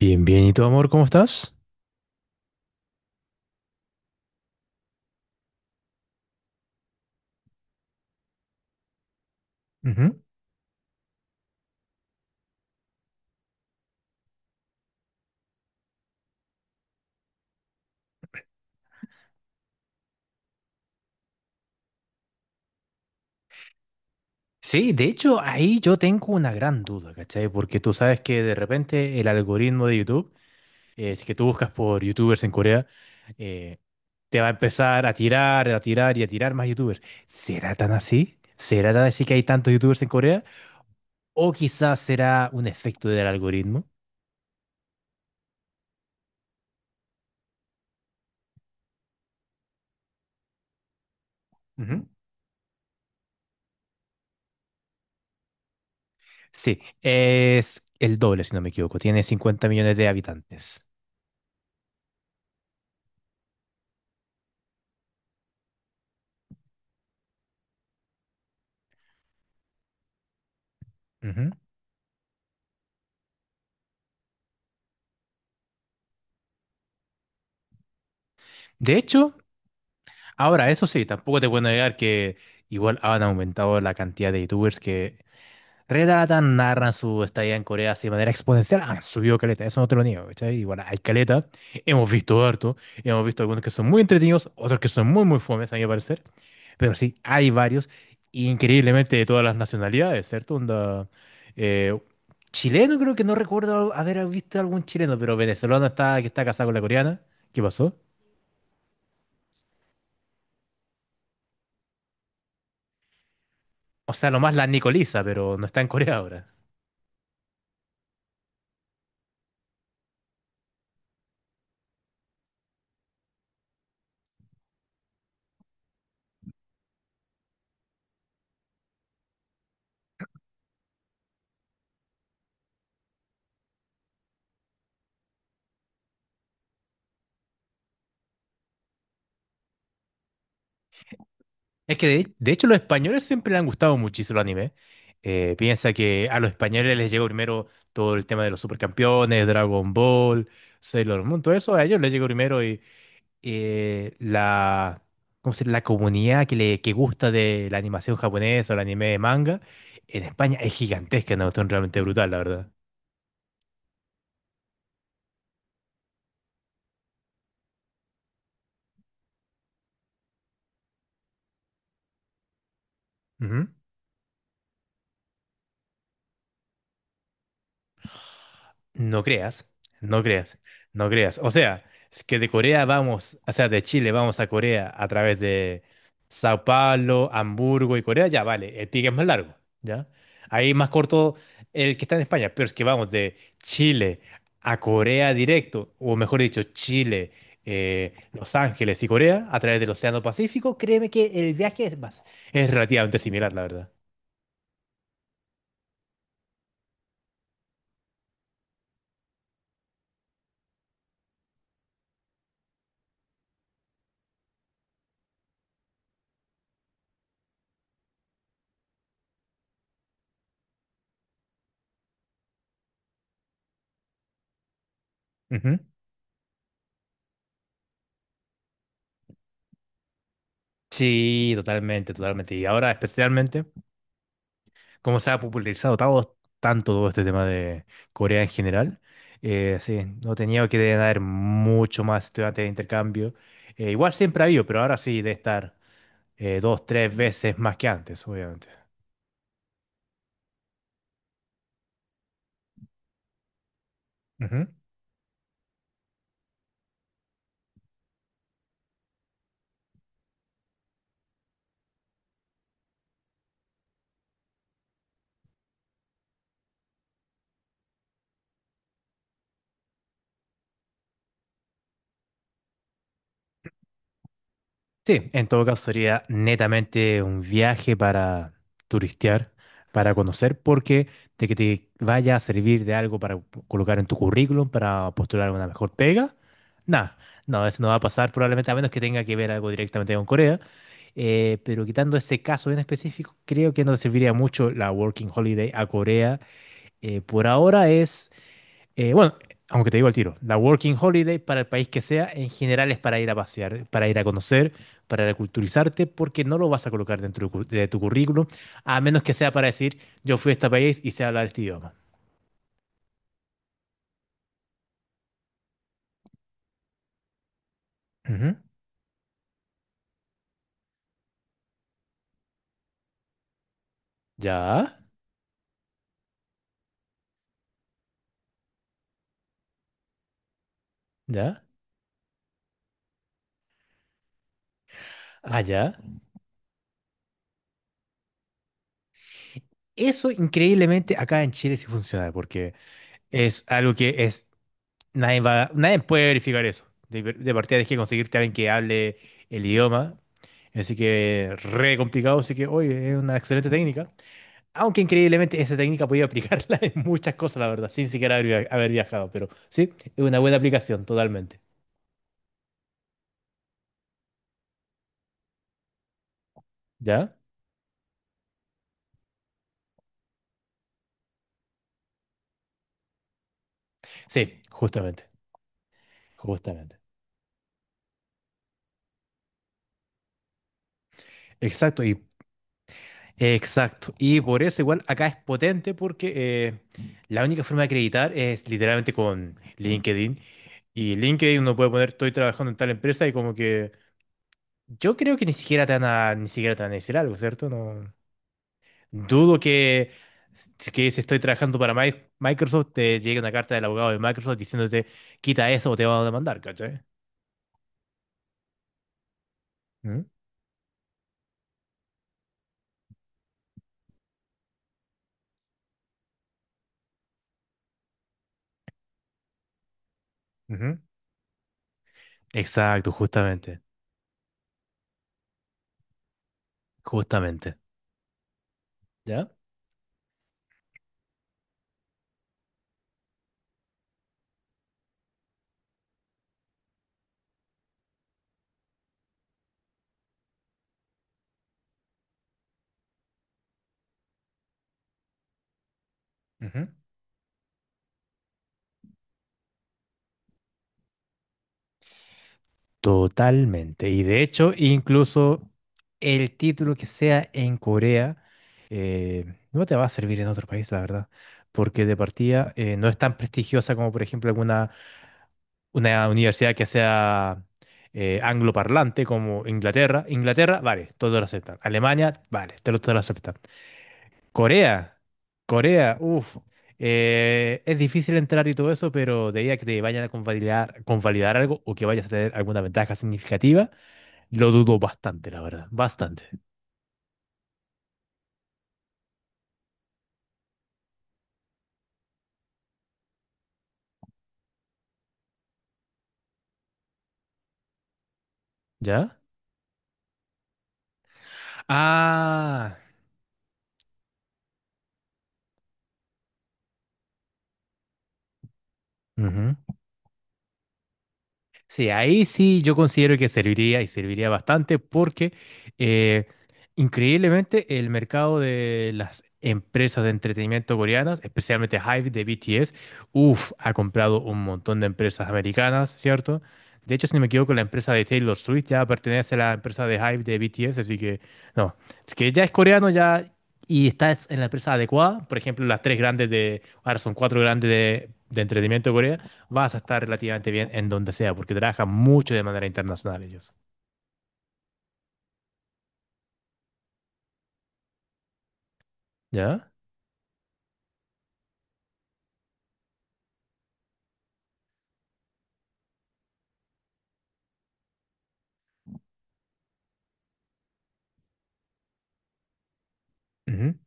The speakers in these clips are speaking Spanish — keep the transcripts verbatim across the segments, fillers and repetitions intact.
Bien, bien. ¿Y tu amor, cómo estás? Ujú. Sí, de hecho, ahí yo tengo una gran duda, ¿cachai? Porque tú sabes que de repente el algoritmo de YouTube, eh, si que tú buscas por YouTubers en Corea, eh, te va a empezar a tirar, a tirar y a tirar más YouTubers. ¿Será tan así? ¿Será tan así que hay tantos YouTubers en Corea? ¿O quizás será un efecto del algoritmo? Ujú. Sí, es el doble, si no me equivoco. Tiene cincuenta millones de habitantes. Ujú. De hecho, ahora, eso sí, tampoco te puedo negar que igual han aumentado la cantidad de youtubers que relatan, narran su estadía en Corea así de manera exponencial. Han subido caleta, eso no te lo niego, ¿cachai? Igual hay caleta, hemos visto harto, hemos visto algunos que son muy entretenidos, otros que son muy, muy fomes, a mi parecer. Pero sí, hay varios, increíblemente de todas las nacionalidades, ¿cierto? Onda, eh, chileno creo que no recuerdo haber visto algún chileno, pero venezolano está, que está casado con la coreana. ¿Qué pasó? O sea, nomás la Nicoliza, pero no está en Corea ahora. Es que de, de hecho los españoles siempre le han gustado muchísimo el anime. Eh, piensa que a los españoles les llegó primero todo el tema de los supercampeones, Dragon Ball, Sailor Moon, todo eso a ellos les llegó primero y eh, la, ¿cómo se llama? La comunidad que, le, que gusta de la animación japonesa o el anime de manga en España es gigantesca, una cuestión realmente brutal, la verdad. Ujú. No creas, no creas, no creas. O sea, es que de Corea vamos, o sea, de Chile vamos a Corea a través de Sao Paulo, Hamburgo y Corea, ya vale, el pique es más largo, ¿ya? Ahí más corto el que está en España, pero es que vamos de Chile a Corea directo, o mejor dicho, Chile, eh, Los Ángeles y Corea a través del Océano Pacífico, créeme que el viaje es más, es relativamente similar, la verdad. Ujú. Sí, totalmente, totalmente. Y ahora especialmente, como se ha popularizado todo- tanto todo este tema de Corea en general, eh, sí, no tenía que deben haber mucho más estudiantes de intercambio. Eh, igual siempre ha habido, pero ahora sí debe estar eh, dos, tres veces más que antes, obviamente. Sí, en todo caso sería netamente un viaje para turistear, para conocer, porque de que te vaya a servir de algo para colocar en tu currículum, para postular una mejor pega, nada, no, eso no va a pasar probablemente a menos que tenga que ver algo directamente con Corea. Eh, pero quitando ese caso en específico, creo que no te serviría mucho la Working Holiday a Corea. Eh, por ahora es eh, Bueno, aunque te digo al tiro, la Working Holiday para el país que sea, en general es para ir a pasear, para ir a conocer, para reculturizarte, porque no lo vas a colocar dentro de cu- de tu currículum, a menos que sea para decir, yo fui a este país y sé hablar este idioma. Ujú. Ya. Ah, ya, allá. Eso increíblemente acá en Chile sí funciona, porque es algo que es, nadie va, nadie puede verificar eso. De, de partida tienes que conseguirte a alguien que hable el idioma, así que re complicado, así que, oye, es una excelente técnica. Aunque increíblemente esa técnica podía aplicarla en muchas cosas, la verdad, sin siquiera haber, via- haber viajado, pero sí, es una buena aplicación, totalmente. ¿Ya? Sí, justamente, justamente. Exacto, y exacto. Y por eso igual acá es potente porque eh, la única forma de acreditar es literalmente con LinkedIn. Y LinkedIn uno puede poner, estoy trabajando en tal empresa y como que yo creo que ni siquiera te van a, ni siquiera te van a decir algo, ¿cierto? No. Dudo que, que si estoy trabajando para Mi- Microsoft te llegue una carta del abogado de Microsoft diciéndote quita eso o te van a demandar, ¿cachai? Mm, ujú. Exacto, justamente, justamente. ¿Ya? Ujú. Totalmente. Y de hecho, incluso el título que sea en Corea eh, no te va a servir en otro país, la verdad, porque de partida eh, no es tan prestigiosa como, por ejemplo, alguna una universidad que sea eh, angloparlante como Inglaterra. Inglaterra, vale, todos lo aceptan. Alemania, vale, te lo, todos lo aceptan. Corea, Corea, uff, es difícil entrar y todo eso, pero de ahí a que te vayan a convalidar, convalidar algo o que vayas a tener alguna ventaja significativa. Lo dudo bastante, la verdad. Bastante. ¿Ya? Ah, ujú. Sí, ahí sí yo considero que serviría y serviría bastante porque eh, increíblemente el mercado de las empresas de entretenimiento coreanas, especialmente HYBE de B T S, uff, ha comprado un montón de empresas americanas, ¿cierto? De hecho, si no me equivoco, la empresa de Taylor Swift ya pertenece a la empresa de HYBE de B T S, así que no, es que ya es coreano ya y está en la empresa adecuada, por ejemplo, las tres grandes de, ahora son cuatro grandes de, de entretenimiento coreano vas a estar relativamente bien en donde sea, porque trabajan mucho de manera internacional ellos. ¿Ya? Ujú.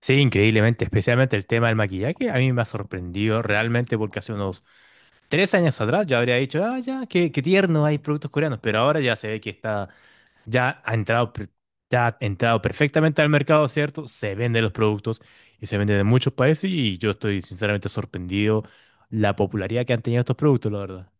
Sí, increíblemente, especialmente el tema del maquillaje, a mí me ha sorprendido realmente porque hace unos tres años atrás yo habría dicho, ah, ya, qué, qué tierno hay productos coreanos, pero ahora ya se ve que está, ya ha entrado, per- ya ha entrado perfectamente al mercado, ¿cierto? Se venden los productos y se venden en muchos países y yo estoy sinceramente sorprendido la popularidad que han tenido estos productos, la verdad.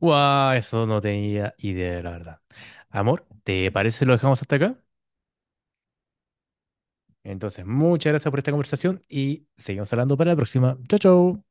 Wow, eso no tenía idea, la verdad. Amor, ¿te parece si lo dejamos hasta acá? Entonces, muchas gracias por esta conversación y seguimos hablando para la próxima. Chau, chau.